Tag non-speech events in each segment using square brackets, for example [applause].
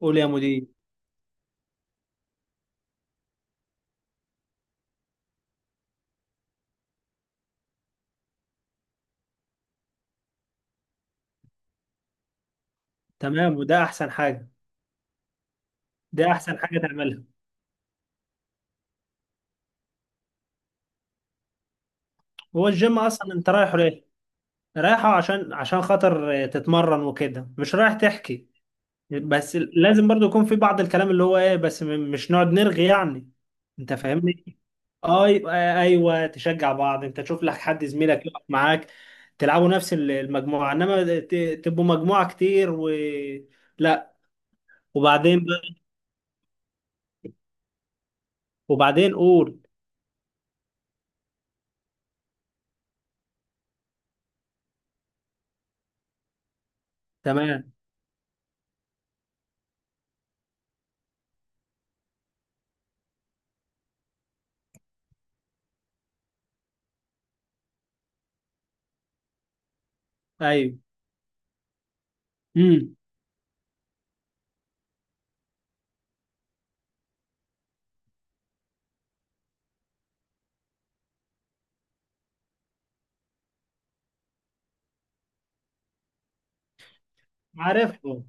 قول يا مدير. تمام، وده احسن حاجه. ده احسن حاجه تعملها. هو الجيم اصلا انت رايحه ليه؟ رايحه عشان خاطر تتمرن وكده، مش رايح تحكي. بس لازم برضو يكون في بعض الكلام اللي هو ايه، بس مش نقعد نرغي يعني. انت فاهمني. اي، ايوه تشجع بعض. انت تشوف لك حد زميلك يقف معاك، تلعبوا نفس المجموعه، انما تبقوا مجموعه كتير و لا. وبعدين بقى- وبعدين قول. تمام. ايوه. امم. عارفهم.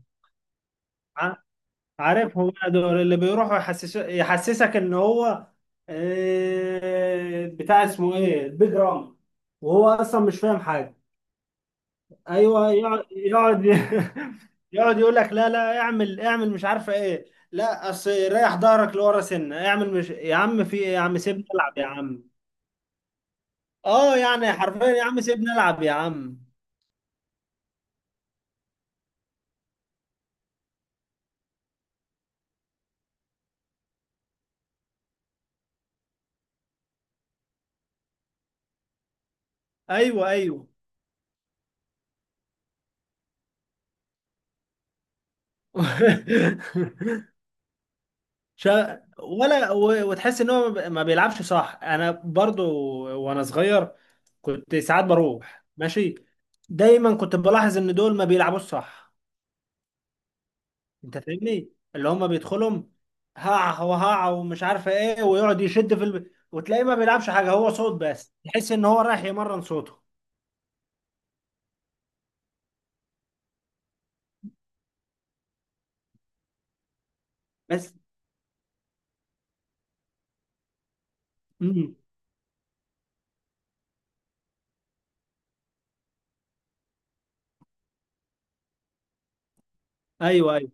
عارف هو دول اللي بيروحوا يحسس يحسسك ان هو بتاع اسمه ايه، البيج رام، وهو اصلا مش فاهم حاجه. ايوه يقعد [laughs] يقعد يقول لك لا لا، اعمل مش عارفه ايه. لا اصل ريح ظهرك لورا سنه، اعمل، مش، يا عم في ايه يا عم، سيبني العب يا عم. اه يعني حرفيا، يا عم سيبني العب يا عم. ايوه ايوه. [laughs] وتحس ان هو ما بيلعبش صح. انا برضو وانا صغير كنت ساعات بروح ماشي، دايما كنت بلاحظ ان دول ما بيلعبوش صح. انت فاهمني، اللي هم بيدخلهم هقع وهقع ومش عارف ايه، ويقعد يشد في وتلاقيه ما بيلعبش حاجه، هو صوت بس، تحس ان هو رايح يمرن صوته بس. امم. ايوه ايوه.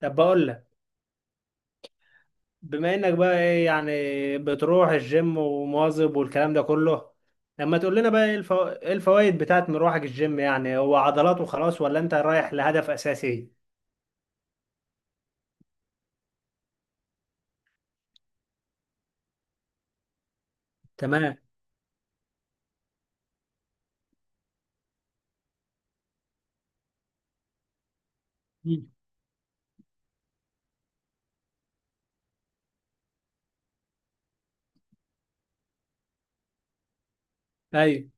طب بقول لك، بما انك بقى ايه، يعني بتروح الجيم ومواظب والكلام ده كله، لما تقول لنا بقى ايه ايه الفوائد بتاعت مروحك الجيم؟ يعني هو عضلات وخلاص، ولا انت رايح لهدف اساسي؟ تمام. مم. ايوه.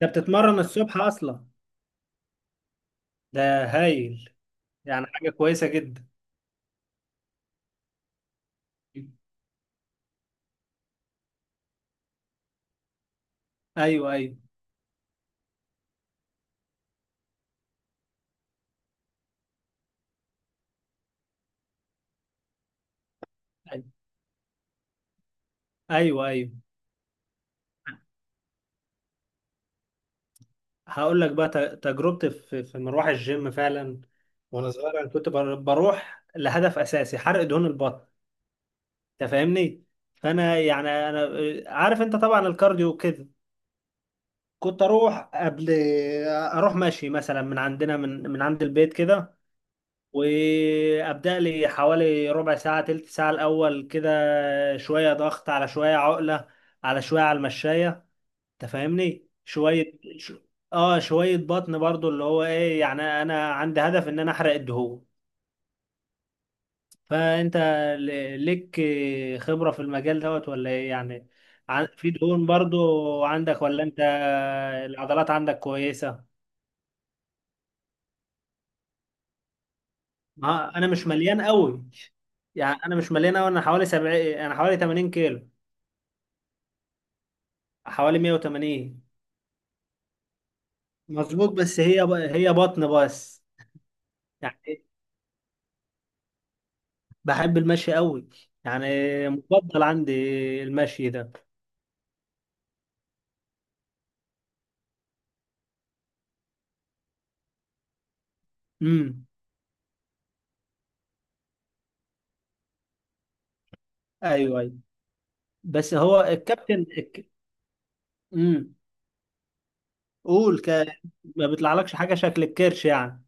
ده بتتمرن الصبح اصلا؟ ده هايل. يعني حاجة كويسة جدا. ايوه ايوه. ايوه ايوه. ايوه. هقول لك بقى تجربتي في في مروح الجيم فعلا. وانا صغير انا كنت بروح لهدف اساسي، حرق دهون البطن. انت فاهمني. فانا يعني انا، عارف انت طبعا الكارديو كده، كنت اروح قبل، اروح ماشي مثلا من عندنا من من عند البيت كده، وابدا لي حوالي ربع ساعه تلت ساعه الاول كده، شويه ضغط على شويه عقله، على شويه على المشايه. انت فاهمني، شويه ش... اه شويه بطن برضو، اللي هو ايه، يعني انا عندي هدف ان انا احرق الدهون. فانت ليك خبرة في المجال دوت ولا ايه يعني؟ في دهون برضو عندك ولا انت العضلات عندك كويسة؟ ما انا مش مليان قوي، يعني انا مش مليان قوي، انا حوالي 70، انا حوالي 80 كيلو. حوالي 180. مظبوط، بس هي هي بطن بس، يعني. بحب المشي قوي، يعني مفضل عندي المشي ده. امم. ايوه ايوه. بس هو الكابتن. امم. قول ك... ما بيطلعلكش حاجه شكل الكرش يعني.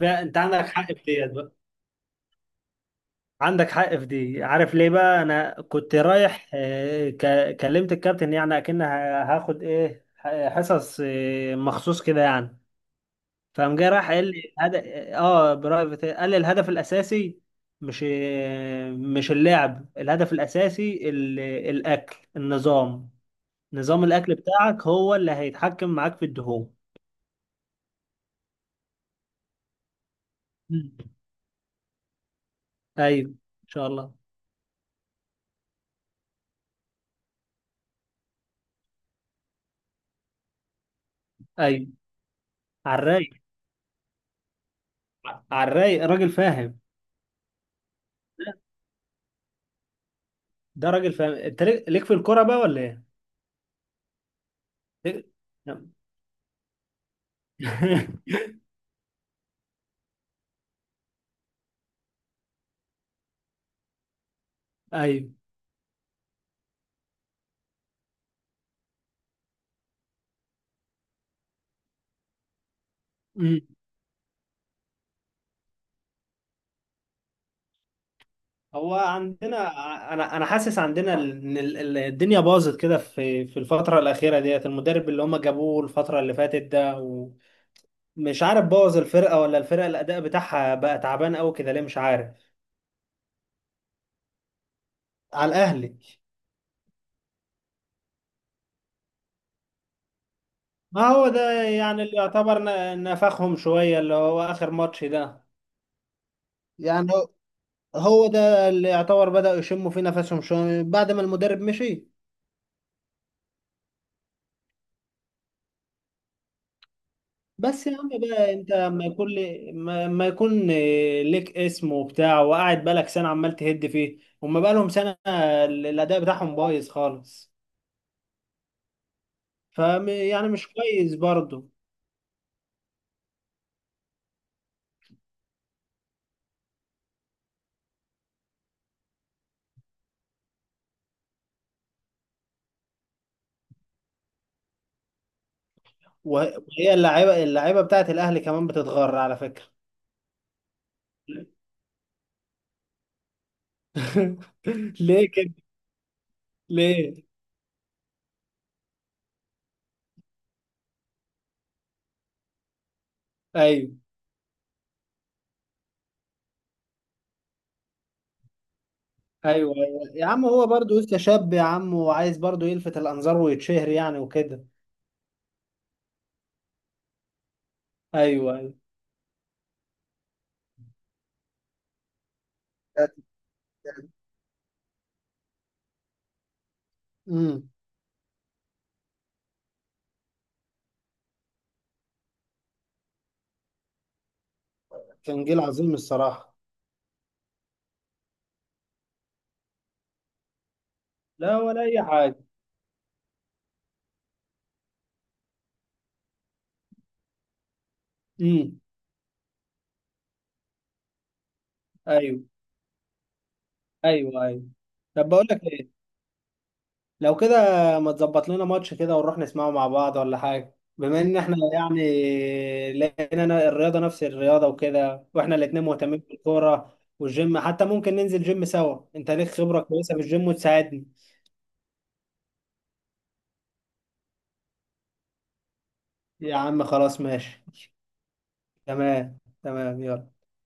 فانت عندك حق في ديت بقى. عندك حق في دي، عارف ليه بقى، انا كنت رايح، كلمت الكابتن يعني اكن هاخد ايه، حصص مخصوص كده يعني. فقام جاي راح قال لي هدف. اه برايفت، قال لي الهدف الاساسي مش، مش اللعب، الهدف الاساسي الاكل، النظام. نظام الاكل بتاعك هو اللي هيتحكم معاك في الدهون. مم. ايوه ان شاء الله. ايوه. على الرايق. على الرايق، راجل فاهم. ده راجل فاهم. انت ليك في الكوره بقى ولا ايه؟ ليك- [laughs] نعم. ايوه. أمم. هو عندنا انا حاسس عندنا ان الدنيا باظت كده في في الفتره الاخيره ديت، المدرب اللي هم جابوه الفتره اللي فاتت ده، ومش عارف بوظ الفرقه ولا الفرقه الاداء بتاعها بقى تعبان قوي كده ليه مش عارف. على الاهلي. ما هو ده يعني اللي يعتبر نفخهم شويه، اللي هو اخر ماتش ده يعني. هو ده اللي يعتبر بدأوا يشموا فيه نفسهم شوية بعد ما المدرب مشي. بس يا عم بقى، انت ما يكون ليك اسم وبتاع وقاعد بقالك سنة عمال تهد فيه، هما بقالهم سنة الأداء بتاعهم بايظ خالص. ف يعني مش كويس برضه. وهي اللعيبة بتاعت الأهلي كمان بتتغر على فكرة. [laughs] ليه كده؟ ليه؟ ايوه ايوه. ايوه يا عم، هو برضه لسه شاب يا عم، وعايز برضه يلفت الأنظار ويتشهر يعني وكده. ايوه ايوه. الذات. التالي. امم. كان جيل عظيم الصراحة. لا ولا أي حاجة. امم. أيوه أيوه. أيوه. طب بقول لك إيه، لو كده ما تظبط لنا ماتش كده ونروح نسمعه مع بعض ولا حاجة، بما إن إحنا يعني لقينا، أنا الرياضة نفس الرياضة وكده، وإحنا الاتنين مهتمين بالكورة والجيم، حتى ممكن ننزل جيم سوا، أنت ليك خبرة كويسة في الجيم وتساعدني. يا عم خلاص ماشي. تمام تمام، يلا.